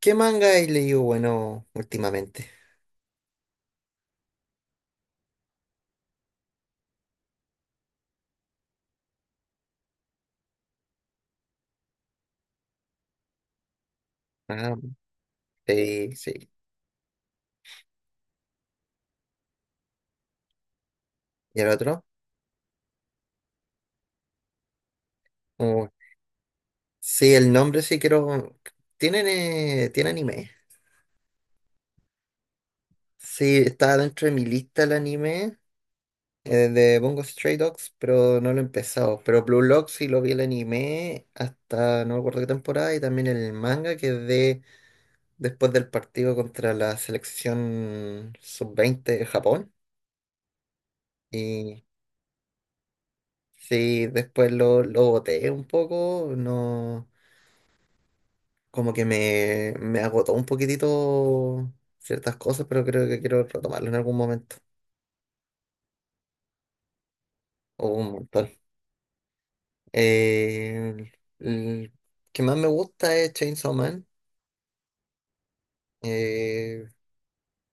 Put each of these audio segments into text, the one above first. ¿Qué manga he leído, bueno, últimamente? Ah, sí, sí. ¿Y el otro? Oh, sí, el nombre sí quiero. ¿Tiene anime? Sí, está dentro de mi lista el anime, de Bungo Stray Dogs, pero no lo he empezado. Pero Blue Lock sí lo vi el anime hasta no me acuerdo qué temporada, y también el manga, que es de después del partido contra la selección sub 20 de Japón. Y sí, después lo boté un poco, no. Como que me agotó un poquitito ciertas cosas, pero creo que quiero retomarlo en algún momento, o un montón. Eh, el que más me gusta es Chainsaw Man. Eh,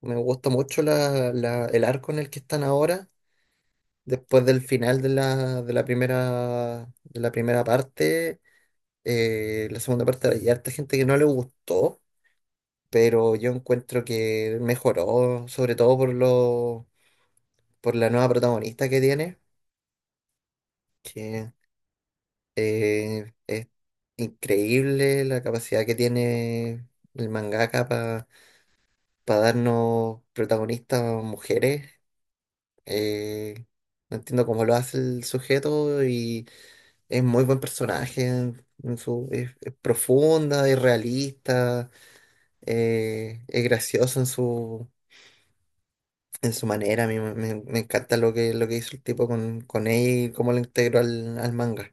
Me gusta mucho el arco en el que están ahora, después del final de de la primera parte. La segunda parte hay harta gente que no le gustó, pero yo encuentro que mejoró, sobre todo por por la nueva protagonista que tiene, que, es increíble la capacidad que tiene el mangaka para darnos protagonistas mujeres. Eh, no entiendo cómo lo hace el sujeto, y es muy buen personaje. Es profunda, es realista, es gracioso en su manera. A mí me encanta lo que hizo el tipo con ella, y cómo lo integró al manga.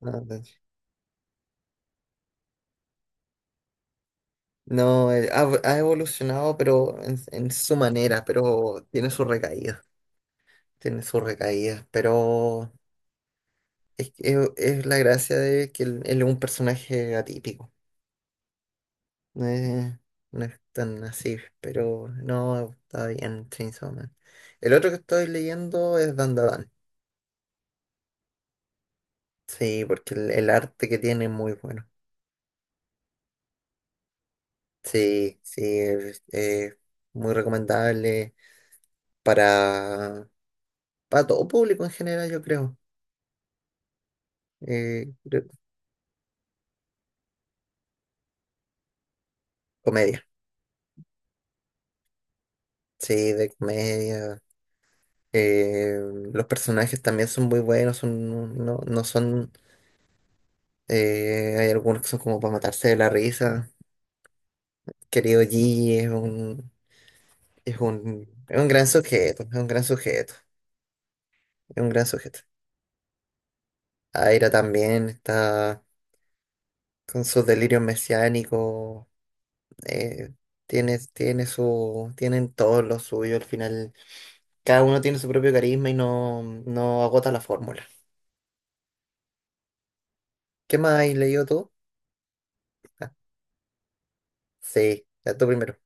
No, ha evolucionado, pero en su manera, pero tiene sus recaídas, pero es la gracia de que él es un personaje atípico, no es, no es tan así, pero no, está bien Chainsaw Man. El otro que estoy leyendo es Dandadan, sí, porque el arte que tiene es muy bueno, sí, sí, es muy recomendable para, para todo público en general, yo creo. Eh, Comedia, sí, de comedia. Eh, los personajes también son muy buenos, son, no, no son... hay algunos que son como para matarse de la risa. Querido Gigi es un, es un, es un gran sujeto, es un gran sujeto, es un gran sujeto. Aira también está con sus delirios mesiánicos. eh, tienen todos lo suyo al final. Cada uno tiene su propio carisma, y no, no agota la fórmula. ¿Qué más has leído tú? Sí, ya tú primero.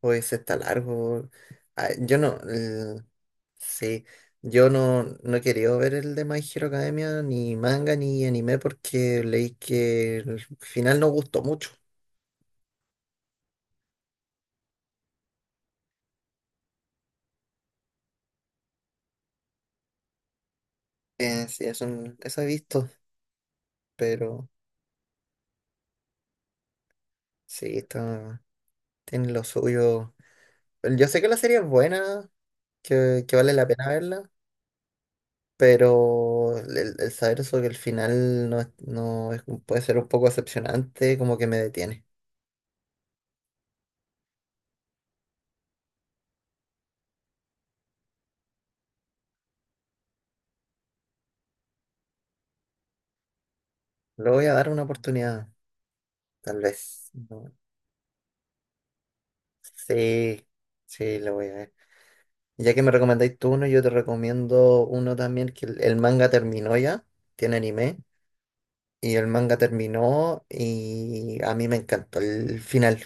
Pues está largo. Ah, yo no, sí, yo no, no he querido ver el de My Hero Academia, ni manga, ni anime, porque leí que el final no gustó mucho. Sí, eso he visto, pero sí, tiene lo suyo. Yo sé que la serie es buena, que vale la pena verla, pero el saber eso, que el final no, puede ser un poco decepcionante, como que me detiene. Le voy a dar una oportunidad. Tal vez. No. Sí, sí, lo voy a ver. Ya que me recomendáis tú uno, yo te recomiendo uno también, que el manga terminó ya, tiene anime, y el manga terminó y a mí me encantó el final.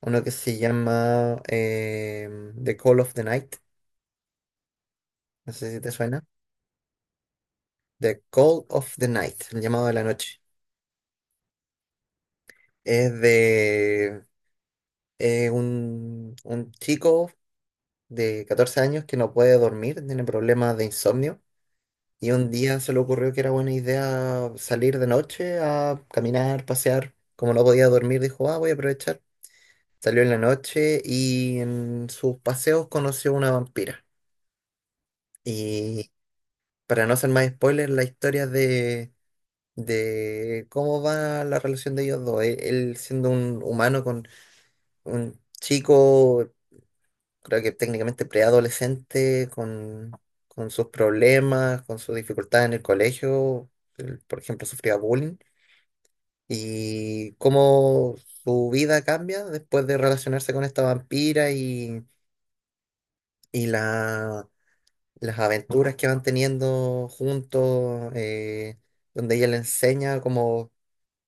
Uno que se llama, The Call of the Night, no sé si te suena. The Call of the Night, el llamado de la noche. Es de un chico de 14 años que no puede dormir, tiene problemas de insomnio. Y un día se le ocurrió que era buena idea salir de noche a caminar, pasear. Como no podía dormir, dijo, ah, voy a aprovechar. Salió en la noche y en sus paseos conoció una vampira. Y para no hacer más spoilers, la historia de cómo va la relación de ellos dos. Él siendo un humano, con un chico, creo que técnicamente preadolescente, con sus problemas, con sus dificultades en el colegio. Él, por ejemplo, sufría bullying, y cómo su vida cambia después de relacionarse con esta vampira, y las aventuras que van teniendo juntos, donde ella le enseña cómo,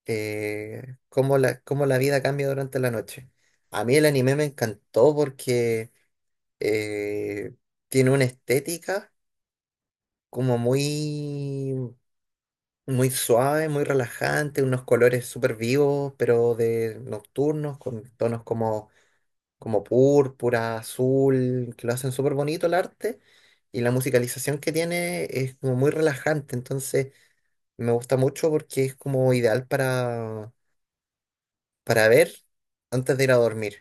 eh, cómo la, cómo la vida cambia durante la noche. A mí el anime me encantó porque eh, tiene una estética como muy, muy suave, muy relajante, unos colores súper vivos, pero de nocturnos, con tonos como como púrpura, azul, que lo hacen súper bonito el arte. Y la musicalización que tiene es como muy relajante. Entonces, me gusta mucho porque es como ideal para ver antes de ir a dormir.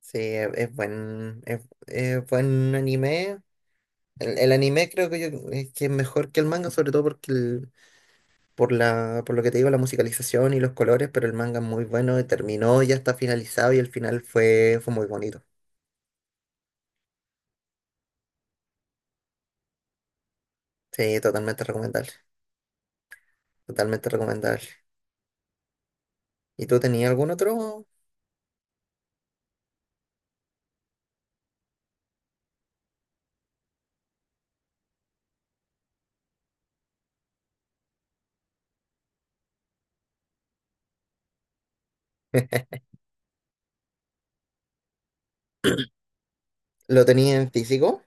Sí, es, es buen anime. El anime creo que, es que es mejor que el manga, sobre todo porque por lo que te digo, la musicalización y los colores, pero el manga es muy bueno, y terminó, ya está finalizado, y el final fue muy bonito. Sí, totalmente recomendable. Totalmente recomendable. ¿Y tú tenías algún otro? ¿Lo tenías en físico?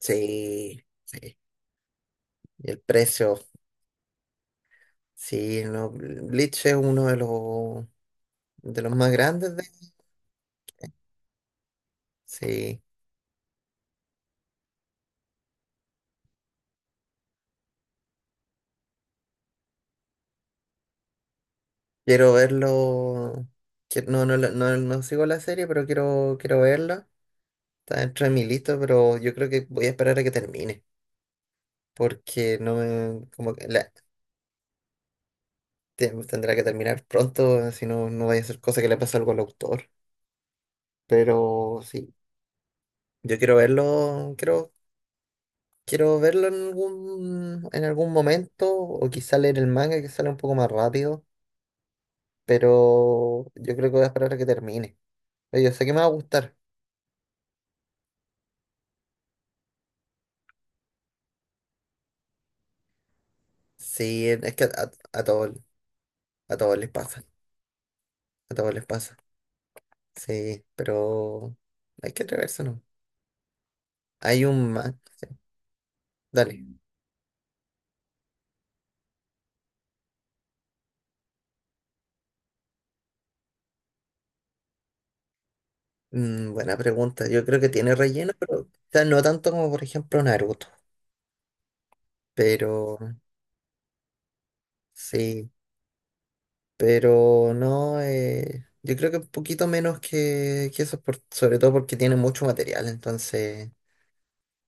Sí, sí. Y el precio, sí, no, Bleach es uno de los más grandes de. Sí. Quiero verlo. No, no, no, no sigo la serie, pero quiero verla. Está dentro de mi lista, pero yo creo que voy a esperar a que termine. Porque no me, como que tendrá que terminar pronto, si no, no vaya a ser cosa que le pase algo al autor. Pero sí. Yo quiero verlo, quiero verlo en algún momento, o quizá leer el manga que sale un poco más rápido, pero yo creo que voy a esperar a que termine. Pero yo sé que me va a gustar. Sí, es que a todos, a todos les pasa, a todos les pasa. Sí, pero hay que atreverse, ¿no? Hay un manga, dale. Mm, buena pregunta. Yo creo que tiene relleno, pero quizás no tanto como, por ejemplo, Naruto, pero sí. Pero no, yo creo que un poquito menos que eso, sobre todo porque tiene mucho material. Entonces,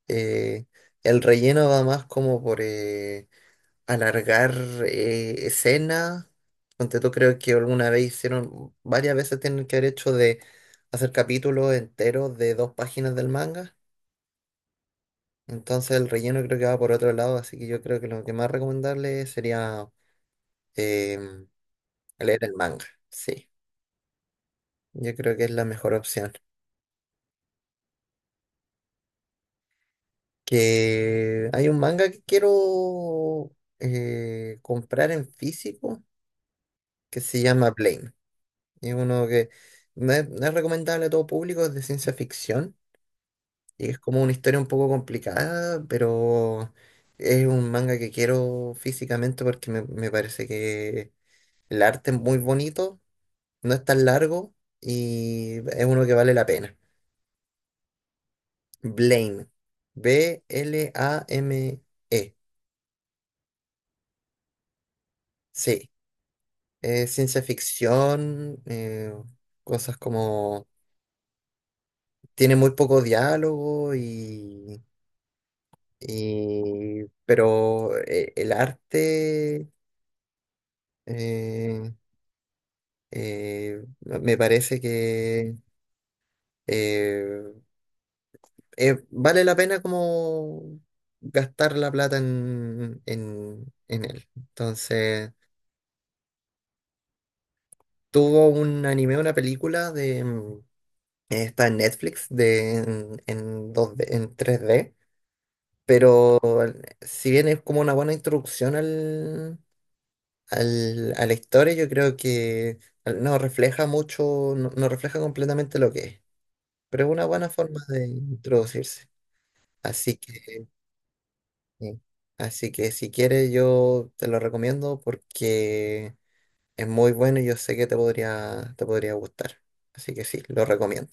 eh, el relleno va más como por, alargar, escenas. Ponte tú, creo que alguna vez hicieron, varias veces tienen que haber hecho de hacer capítulos enteros de dos páginas del manga. Entonces, el relleno creo que va por otro lado, así que yo creo que lo que más recomendable sería, em, leer el manga. Sí, yo creo que es la mejor opción. Que hay un manga que quiero, comprar en físico, que se llama Blame. Es uno que no es recomendable a todo público, es de ciencia ficción, y es como una historia un poco complicada, pero es un manga que quiero físicamente, porque me parece que el arte es muy bonito, no es tan largo, y es uno que vale la pena. Blame. Blame. Ciencia ficción, cosas como... Tiene muy poco diálogo y... pero, el arte, eh, me parece que, eh, vale la pena como gastar la plata en, en él. Entonces, tuvo un anime, una película de... Está en Netflix, en 2D, en 3D, pero si bien es como una buena introducción a la historia, yo creo que no refleja mucho, no, no refleja completamente lo que es, pero es una buena forma de introducirse. Así que, eh, Así que, si quieres, yo te lo recomiendo porque es muy bueno, y yo sé que te podría gustar. Así que sí, lo recomiendo.